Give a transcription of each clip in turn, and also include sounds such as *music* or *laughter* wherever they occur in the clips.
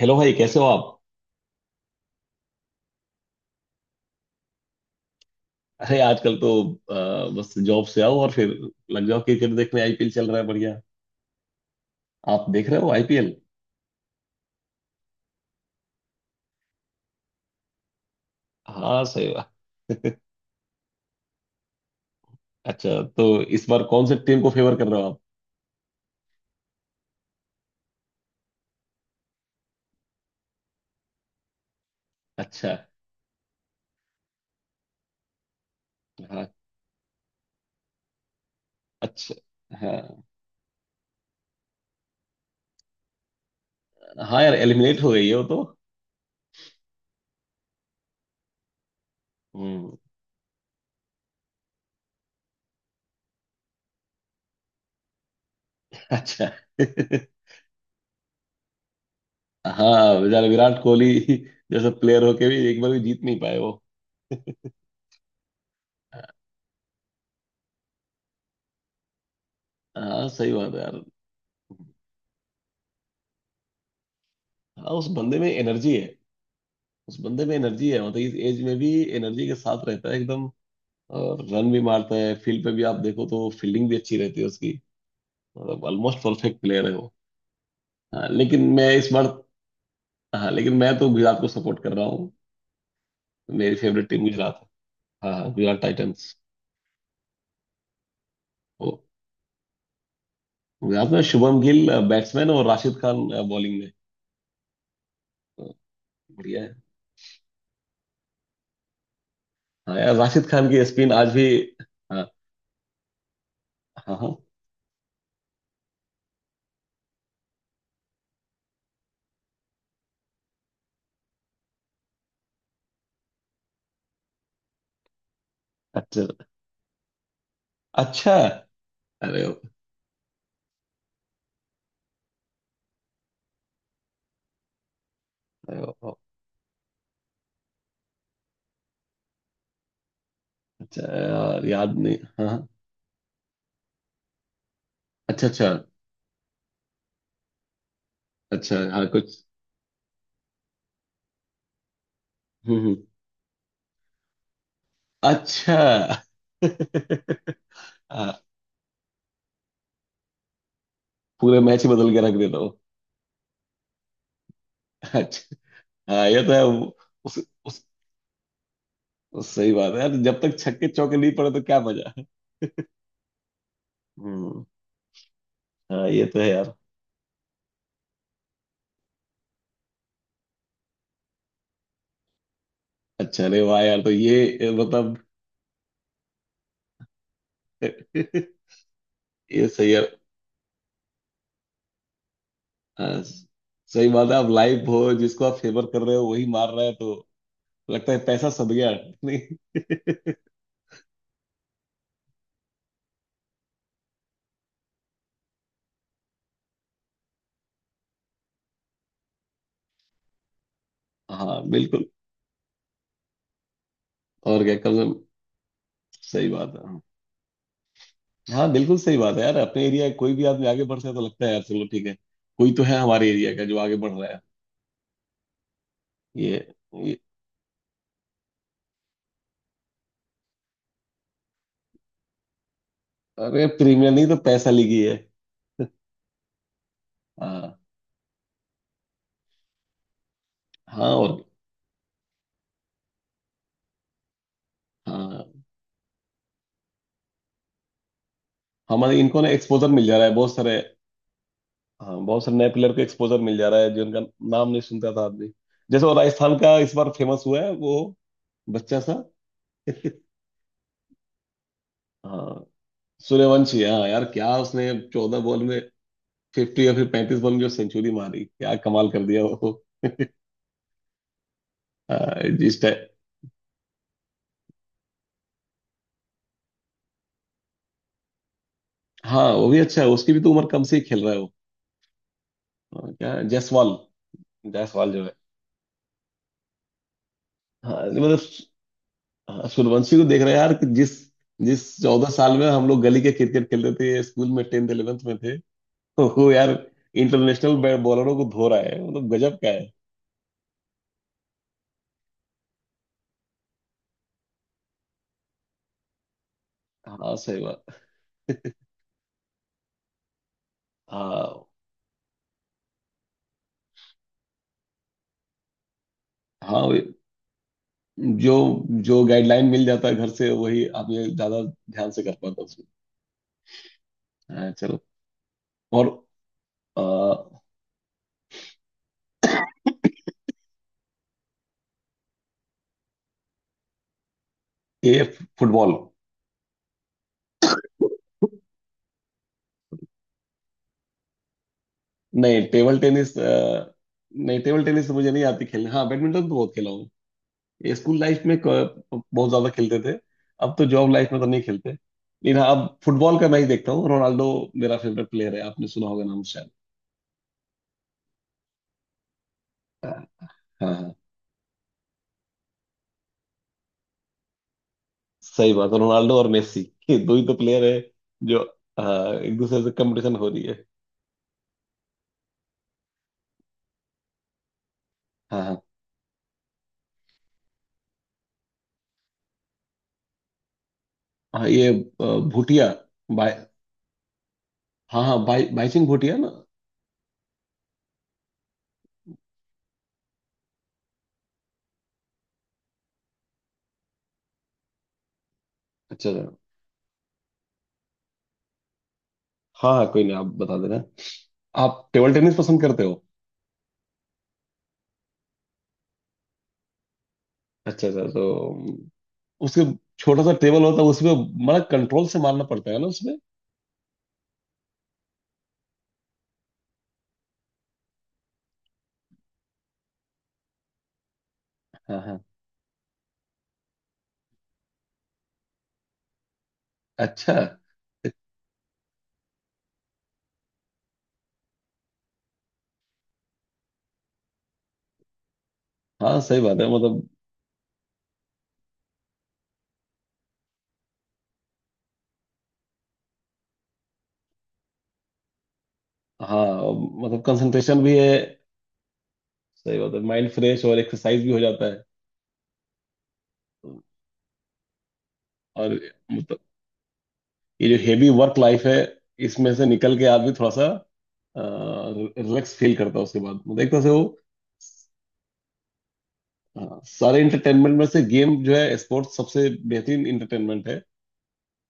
Hello भाई कैसे हो आप। अरे आजकल तो अ, बस जॉब से आओ और फिर लग जाओ क्रिकेट देखने। आईपीएल चल रहा है, बढ़िया। आप देख रहे हो आईपीएल? हाँ सही बात। *laughs* अच्छा तो इस बार कौन से टीम को फेवर कर रहे हो आप? अच्छा। हाँ। अच्छा। हाँ हाँ यार, एलिमिनेट हो गई है वो तो। हम्म। अच्छा। *laughs* हाँ, बेचारे विराट कोहली जैसे प्लेयर होके भी एक बार भी जीत नहीं पाए वो। हाँ सही बात है यार। हाँ उस बंदे में एनर्जी है। उस बंदे में एनर्जी है, मतलब इस एज में भी एनर्जी के साथ रहता है एकदम। और रन भी मारता है, फील्ड पे भी आप देखो तो फील्डिंग भी अच्छी रहती है उसकी। मतलब ऑलमोस्ट परफेक्ट प्लेयर है वो। हाँ लेकिन मैं इस बार। हाँ लेकिन मैं तो गुजरात को सपोर्ट कर रहा हूँ। मेरी फेवरेट टीम गुजरात है। हाँ हाँ, गुजरात टाइटंस। वो गुजरात में शुभम गिल बैट्समैन और राशिद खान बॉलिंग में। तो बढ़िया है। हाँ यार, राशिद खान की स्पिन आज भी। हाँ हाँ हाँ। अच्छा। अच्छा। अरे वाह। अरे वाह। अच्छा यार याद नहीं। हाँ हाँ। अच्छा अच्छा। अच्छा हाँ कुछ। हम्म हम्म। अच्छा। *laughs* हाँ, पूरे मैच ही बदल के रख देता हूँ। अच्छा। हाँ ये तो है उस, उस, उस सही बात है यार, जब तक छक्के चौके नहीं पड़े तो क्या मजा। हम्म। हाँ ये तो है यार। अच्छा, अरे वाह यार तो ये मतलब। *laughs* ये सही है। हाँ सही बात है, आप लाइव हो, जिसको आप फेवर कर रहे हो वही मार रहा है तो लगता है पैसा सद गया। *laughs* नहीं। हाँ बिल्कुल। और क्या, कम से कम सही बात है। हाँ बिल्कुल सही बात है यार, अपने एरिया कोई भी आदमी आगे बढ़ता है तो लगता है यार चलो ठीक है। कोई तो है हमारे एरिया का जो आगे बढ़ रहा है। ये अरे प्रीमियर नहीं तो पैसा लीगी है। हाँ हाँ। और हाँ, हमारे इनको ना एक्सपोजर मिल जा रहा है बहुत सारे। हाँ बहुत सारे नए प्लेयर को एक्सपोजर मिल जा रहा है जिनका नाम नहीं सुनता था आदमी। जैसे वो राजस्थान का इस बार फेमस हुआ है वो बच्चा सा। हाँ सूर्यवंशी। हाँ यार क्या उसने 14 बॉल में 50 या फिर 35 बॉल में जो सेंचुरी मारी, क्या कमाल कर दिया वो। हाँ, जिस टाइम। हाँ वो भी अच्छा है, उसकी भी तो उम्र कम से ही खेल रहा है वो। हाँ क्या है? जायसवाल। जायसवाल जो है। हाँ नहीं, मतलब हाँ, सूर्यवंशी को देख रहे हैं यार कि जिस जिस 14 साल में हम लोग गली के क्रिकेट खेलते थे, स्कूल में टेंथ इलेवेंथ में थे, तो वो यार इंटरनेशनल बॉलरों को धो रहा है, मतलब गजब का है। हाँ सही बात। *laughs* हाँ हाँ जो जो गाइडलाइन मिल जाता है घर से वही आदमी ज्यादा ध्यान से कर पाता है उसमें। हाँ चलो। और आ, ये फुटबॉल। नहीं टेबल टेनिस। नहीं टेबल टेनिस तो मुझे नहीं आती खेलने। हाँ बैडमिंटन तो बहुत खेला हूँ। ये स्कूल लाइफ में बहुत ज्यादा खेलते थे। अब तो जॉब लाइफ में तो नहीं खेलते, लेकिन हाँ, अब फुटबॉल का मैच देखता हूँ। रोनाल्डो मेरा फेवरेट प्लेयर है, आपने सुना होगा नाम शायद। हाँ हाँ हाँ। सही बात है, रोनाल्डो और मेसी, ये दो ही तो प्लेयर है जो हाँ, एक दूसरे से कंपटीशन हो रही है। हाँ हाँ। हाँ, ये अ, भूटिया भाई। हाँ हाँ भाई भाई सिंह भूटिया ना। अच्छा अच्छा। हाँ हाँ कोई नहीं, आप बता देना। आप टेबल टेनिस पसंद करते हो? अच्छा अच्छा। तो उसके छोटा सा टेबल होता है उसमें, मतलब कंट्रोल से मारना पड़ता है ना उसमें। हाँ हाँ। अच्छा। हाँ सही बात है मतलब। हाँ मतलब कंसंट्रेशन भी है। सही बात है, माइंड फ्रेश और एक्सरसाइज भी हो जाता है। और मतलब ये जो हेवी वर्क लाइफ है, इसमें से निकल के आदमी थोड़ा सा रिलैक्स फील करता है उसके बाद, मतलब एक तरह से वो। हाँ, सारे इंटरटेनमेंट में से गेम जो है स्पोर्ट्स सबसे बेहतरीन इंटरटेनमेंट है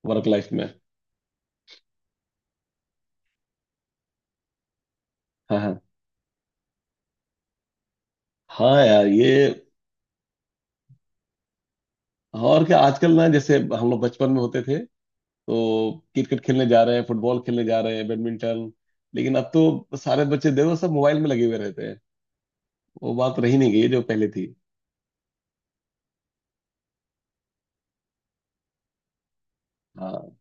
वर्क लाइफ में। हाँ हाँ। हाँ यार ये। और क्या, आजकल ना जैसे हम लोग बचपन में होते थे तो क्रिकेट खेलने जा रहे हैं, फुटबॉल खेलने जा रहे हैं, बैडमिंटन। लेकिन अब तो सारे बच्चे देखो सब मोबाइल में लगे हुए रहते हैं। वो बात रही नहीं, गई जो पहले थी। हाँ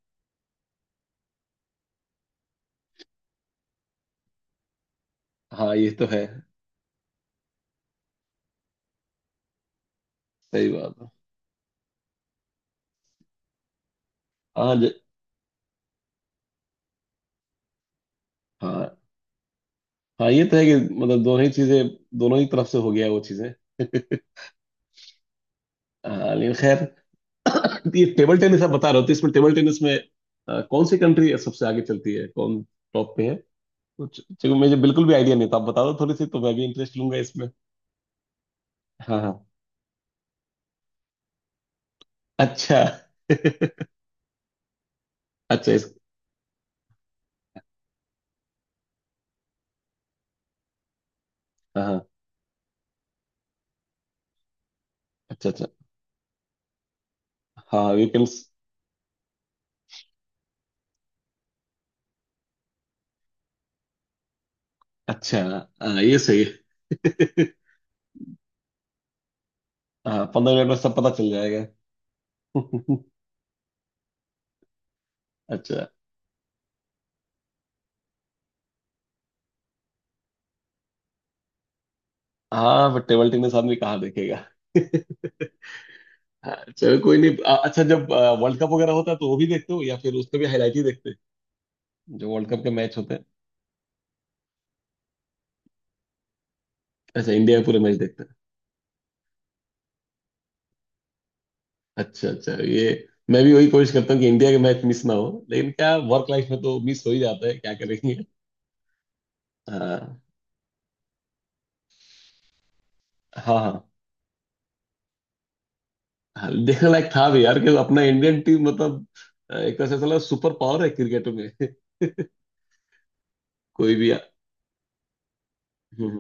हाँ, ये तो है। सही बात है। हाँ हाँ हाँ, ये तो है कि मतलब दोनों ही चीजें, दोनों ही तरफ से हो गया वो चीजें। हाँ लेकिन खैर, ये टेबल टेनिस आप बता रहे हो तो इसमें, टेबल टेनिस में कौन सी कंट्री सबसे आगे चलती है, कौन टॉप पे है कुछ? चूंकि मुझे बिल्कुल भी आइडिया नहीं था, आप बता दो थोड़ी सी तो मैं भी इंटरेस्ट लूंगा इसमें। हाँ हाँ। अच्छा। *laughs* अच्छा इस। हाँ हाँ। अच्छा अच्छा। हाँ वीकेंड्स। अच्छा। हाँ ये सही है। *laughs* हाँ 15 मिनट में सब पता चल जाएगा। *laughs* अच्छा। हाँ बट टेबल टेनिस आदमी कहाँ देखेगा। हाँ चलो कोई नहीं। अच्छा, जब वर्ल्ड कप वगैरह होता है तो वो भी देखते हो या फिर उसका भी हाईलाइट ही देखते हैं जो वर्ल्ड कप के मैच होते हैं? अच्छा, इंडिया के पूरे मैच देखते हैं। अच्छा अच्छा, ये मैं भी वही कोशिश करता हूँ कि इंडिया के मैच मिस ना हो, लेकिन क्या वर्क लाइफ में तो मिस हो ही जाता है, क्या करेंगे। हाँ हाँ। हाँ हाँ, देखने लायक था भी यार, कि अपना इंडियन टीम मतलब एक तरह से साला सुपर पावर है क्रिकेट में। *laughs* कोई भी आ- हम्म, हम्म।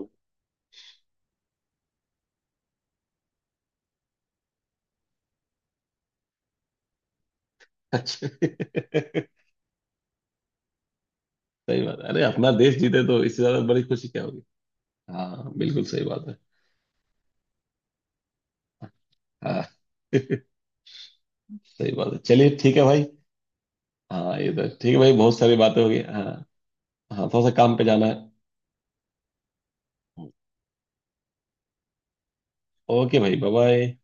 अच्छा। *laughs* सही बात है, अरे अपना देश जीते तो इससे ज्यादा बड़ी खुशी क्या होगी। हाँ बिल्कुल सही बात है। हाँ। *laughs* सही बात है, चलिए ठीक है भाई। हाँ ये तो ठीक है भाई, बहुत सारी बातें हो गई। हाँ। हाँ थोड़ा सा काम पे जाना है। ओके भाई, बाय बाय।